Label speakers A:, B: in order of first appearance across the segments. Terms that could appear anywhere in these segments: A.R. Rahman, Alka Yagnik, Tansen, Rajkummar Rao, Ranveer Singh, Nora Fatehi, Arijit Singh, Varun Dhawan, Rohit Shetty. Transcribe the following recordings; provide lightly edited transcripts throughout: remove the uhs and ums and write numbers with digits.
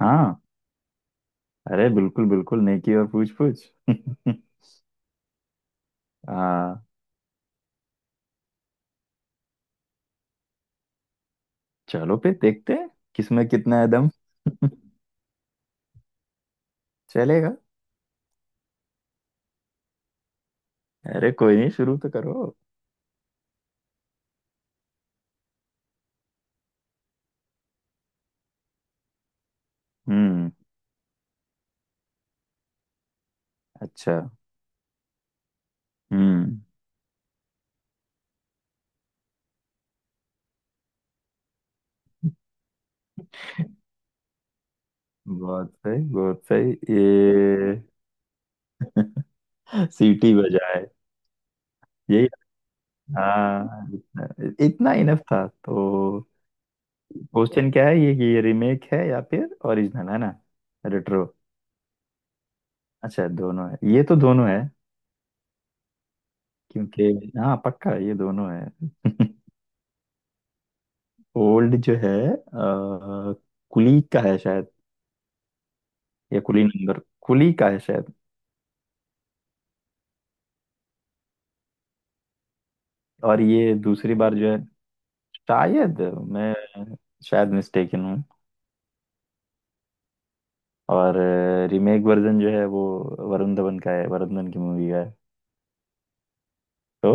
A: हाँ। अरे बिल्कुल बिल्कुल, नेकी और पूछ पूछ। हाँ। चलो फिर देखते हैं किसमें कितना है दम। चलेगा। अरे कोई नहीं, शुरू तो करो। हम्म। अच्छा। हम्म। बहुत सही बहुत सही, ये सीटी बजाए, यही। हाँ, इतना इनफ था तो। क्वेश्चन क्या है ये कि ये रीमेक है या फिर ओरिजिनल है, ना? रेट्रो। अच्छा दोनों है, ये तो दोनों है क्योंकि हाँ पक्का ये दोनों है। ओल्ड जो है कुली का है शायद, या कुली नंबर, कुली का है शायद। और ये दूसरी बार जो है शायद, मैं शायद मिस्टेकन हूँ। और रीमेक वर्जन जो है वो वरुण धवन का है, वरुण धवन की मूवी का है तो।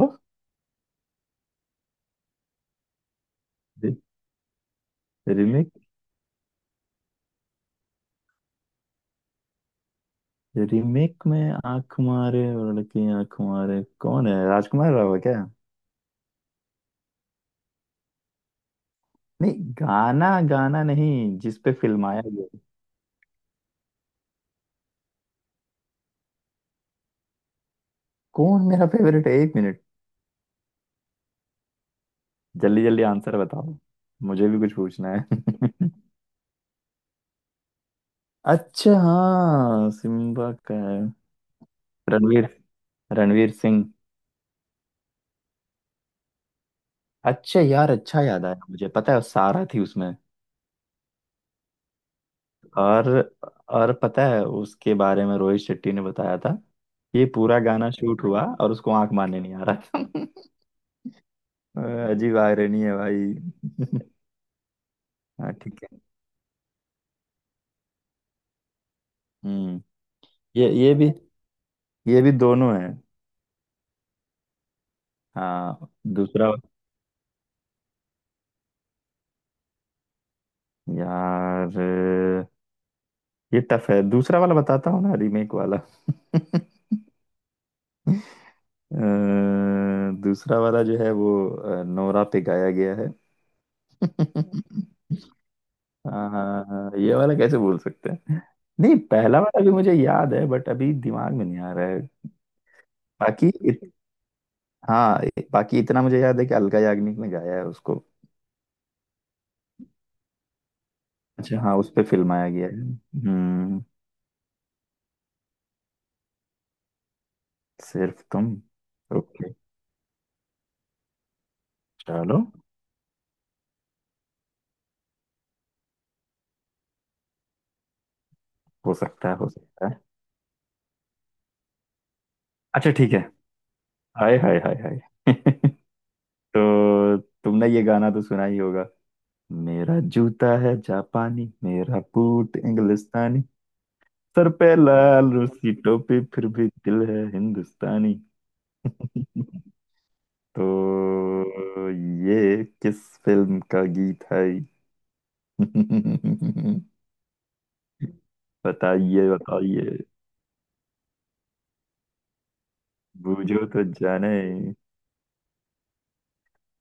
A: रीमेक रीमेक में आंख मारे और लड़की आंख मारे कौन है, राजकुमार राव है क्या? नहीं, गाना गाना नहीं, जिस पे फिल्माया गया। कौन मेरा फेवरेट है, एक मिनट। जल्दी जल्दी आंसर बताओ, मुझे भी कुछ पूछना है। अच्छा हाँ, सिम्बा का है। रणवीर, रणवीर सिंह। अच्छा यार, अच्छा याद आया, मुझे पता है वो सारा थी उसमें। और और पता है उसके बारे में, रोहित शेट्टी ने बताया था कि ये पूरा गाना शूट हुआ और उसको आंख मारने नहीं आ रहा था। अजीब आयरनी है भाई। हाँ ठीक है। हम्म, ये भी, ये भी दोनों है। हाँ। दूसरा। यार ये टफ है, दूसरा वाला बताता हूँ ना, रीमेक वाला। अ, दूसरा वाला जो है वो नोरा पे गाया गया है। हाँ हाँ, ये वाला कैसे बोल सकते हैं। नहीं पहला वाला भी मुझे याद है, बट अभी दिमाग में नहीं आ रहा है। बाकी इत, हाँ, बाकी इतना मुझे याद है कि अलका याग्निक ने गाया है उसको। अच्छा हाँ, उस पे फिल्माया गया है। हम्म। सिर्फ तुम। ओके। चलो, हो सकता है हो सकता है। अच्छा ठीक है। हाय हाय हाय हाय। तो तुमने ये गाना तो सुना ही होगा। मेरा जूता है जापानी, मेरा बूट इंग्लिस्तानी, सर पे लाल रूसी टोपी, फिर भी दिल है हिंदुस्तानी। तो ये किस फिल्म का गीत है? बताइए बताइए, बूझो तो जाने।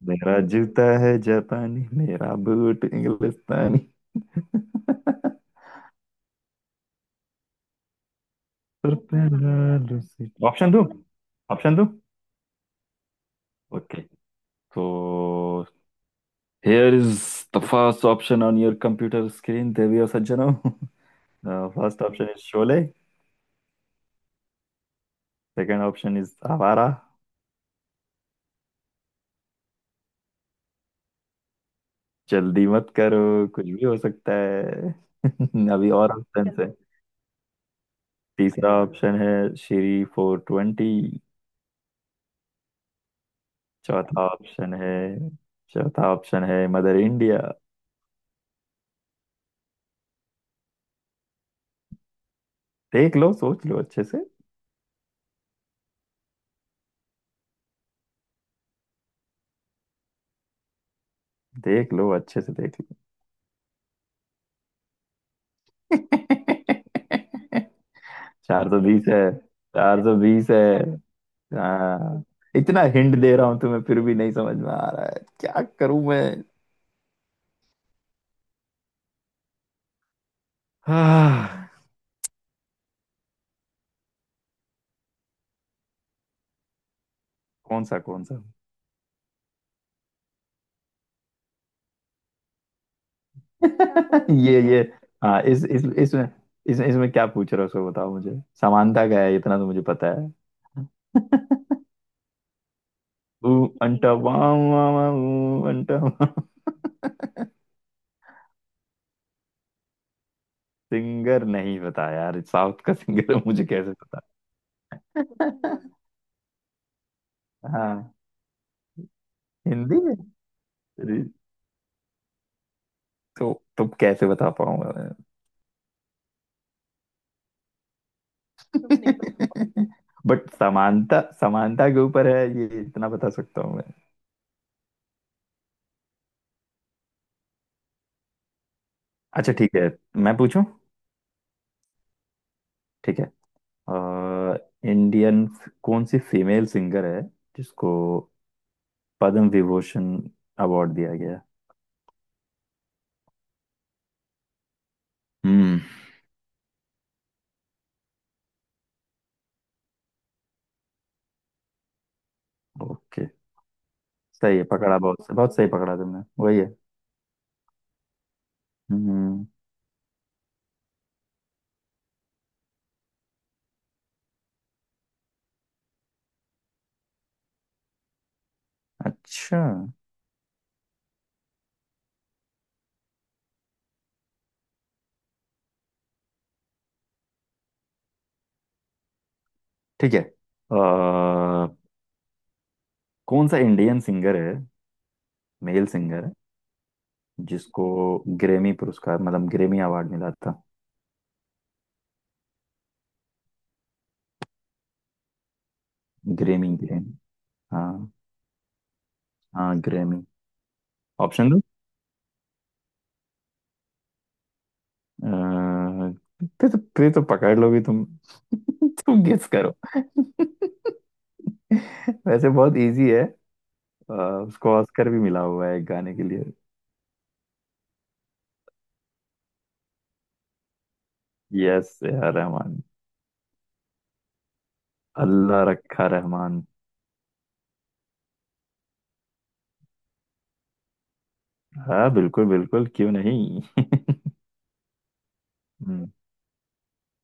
A: मेरा जूता है जापानी, मेरा बूट इंग्लिस्तानी, सर पे लाल रूसी। ऑप्शन दो, ऑप्शन दो। ओके तो Here is the first option on your computer screen, Devi सज्जनों। The first option is Sholay. Second option is Awara. जल्दी मत करो, कुछ भी हो सकता है। अभी और ऑप्शन है। तीसरा ऑप्शन है श्री फोर ट्वेंटी। चौथा ऑप्शन है, चौथा ऑप्शन है मदर इंडिया। देख लो सोच लो अच्छे से, देख लो अच्छे से, देख लो। चार सौ बीस है, चार सौ बीस है। हाँ, इतना हिंट दे रहा हूं तुम्हें, फिर भी नहीं समझ में आ रहा है, क्या करूं मैं। हाँ। कौन सा कौन सा। ये ये। हाँ इसमें क्या पूछ रहे हो उसको, बताओ मुझे समानता क्या है, इतना तो मुझे पता है। ऊ अंटा वाम वाम वाम, ऊ अंटा वाम। सिंगर नहीं पता यार, साउथ का सिंगर है मुझे कैसे पता। हाँ, हिंदी में। अरे, तो तुम कैसे बता पाऊंगा। मैं? बट समानता, समानता के ऊपर है ये, इतना बता सकता हूँ मैं। अच्छा ठीक है। मैं पूछूं? ठीक है। अ, इंडियन कौन सी फीमेल सिंगर है जिसको पद्म विभूषण अवार्ड दिया गया है? हम्म। ओके। सही है, पकड़ा, बहुत बहुत सही पकड़ा तुमने, वही है। हम्म। अच्छा ठीक है। कौन सा इंडियन सिंगर है, मेल सिंगर है, जिसको ग्रेमी पुरस्कार, मतलब ग्रेमी अवार्ड मिला था? Grammy, Grammy. हाँ हाँ, ग्रेमी। ऑप्शन दो। फिर तो पकड़ लोगी तुम। तुम गेस करो, वैसे बहुत इजी है। अ, उसको ऑस्कर भी मिला हुआ है एक गाने के लिए। Yes, A R Rahman, Allah Rakha Rahman. हाँ बिल्कुल बिल्कुल, क्यों नहीं। हम्म,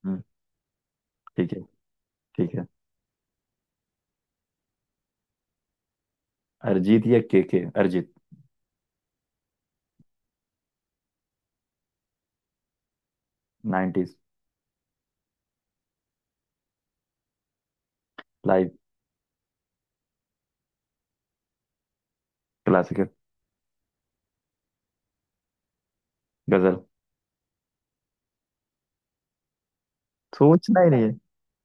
A: हम्म। ठीक है, ठीक है। अरिजीत या K K? Arijit. 90s। Live. Classical. Ghazal. सोचना ही नहीं है,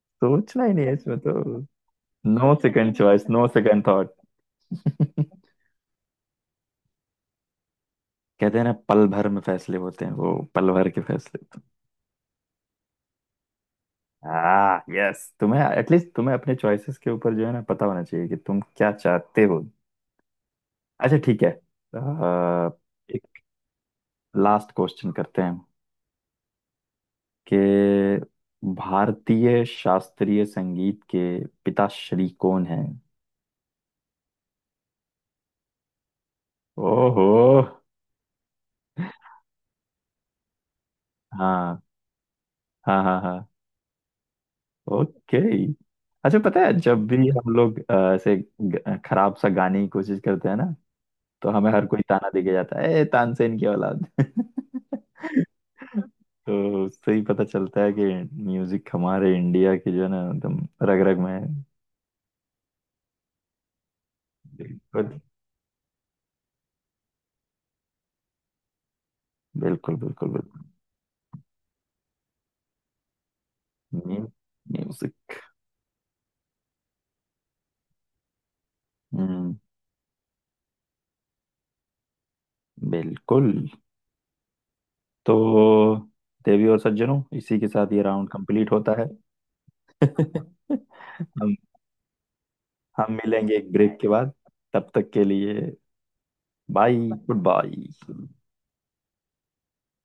A: सोचना ही नहीं है इसमें तो, no second choice, no second thought. कहते हैं ना, पल भर में फैसले होते हैं, वो पल भर के फैसले तो। हाँ यस, तुम्हें एटलीस्ट तुम्हें अपने चॉइसेस के ऊपर जो है ना, पता होना चाहिए कि तुम क्या चाहते हो। अच्छा ठीक है। अह, एक लास्ट क्वेश्चन करते हैं कि भारतीय शास्त्रीय संगीत के पिताश्री कौन हैं? ओहो। हाँ हाँ हाँ हाँ। ओके। अच्छा पता है, जब भी हम लोग ऐसे खराब सा गाने की कोशिश करते हैं ना, तो हमें हर कोई ताना देके जाता है, ए तानसेन की औलाद। तो उससे ही पता चलता है कि म्यूजिक हमारे इंडिया के जो है ना, एकदम रग रग में है। बिल्कुल बिल्कुल बिल्कुल। बिल्कुल। म्यूजिक। हम्म। बिल्कुल। तो देवी और सज्जनों, इसी के साथ ये राउंड कंप्लीट होता है। हम हम मिलेंगे एक ब्रेक के बाद, तब तक के लिए बाय, गुड बाय।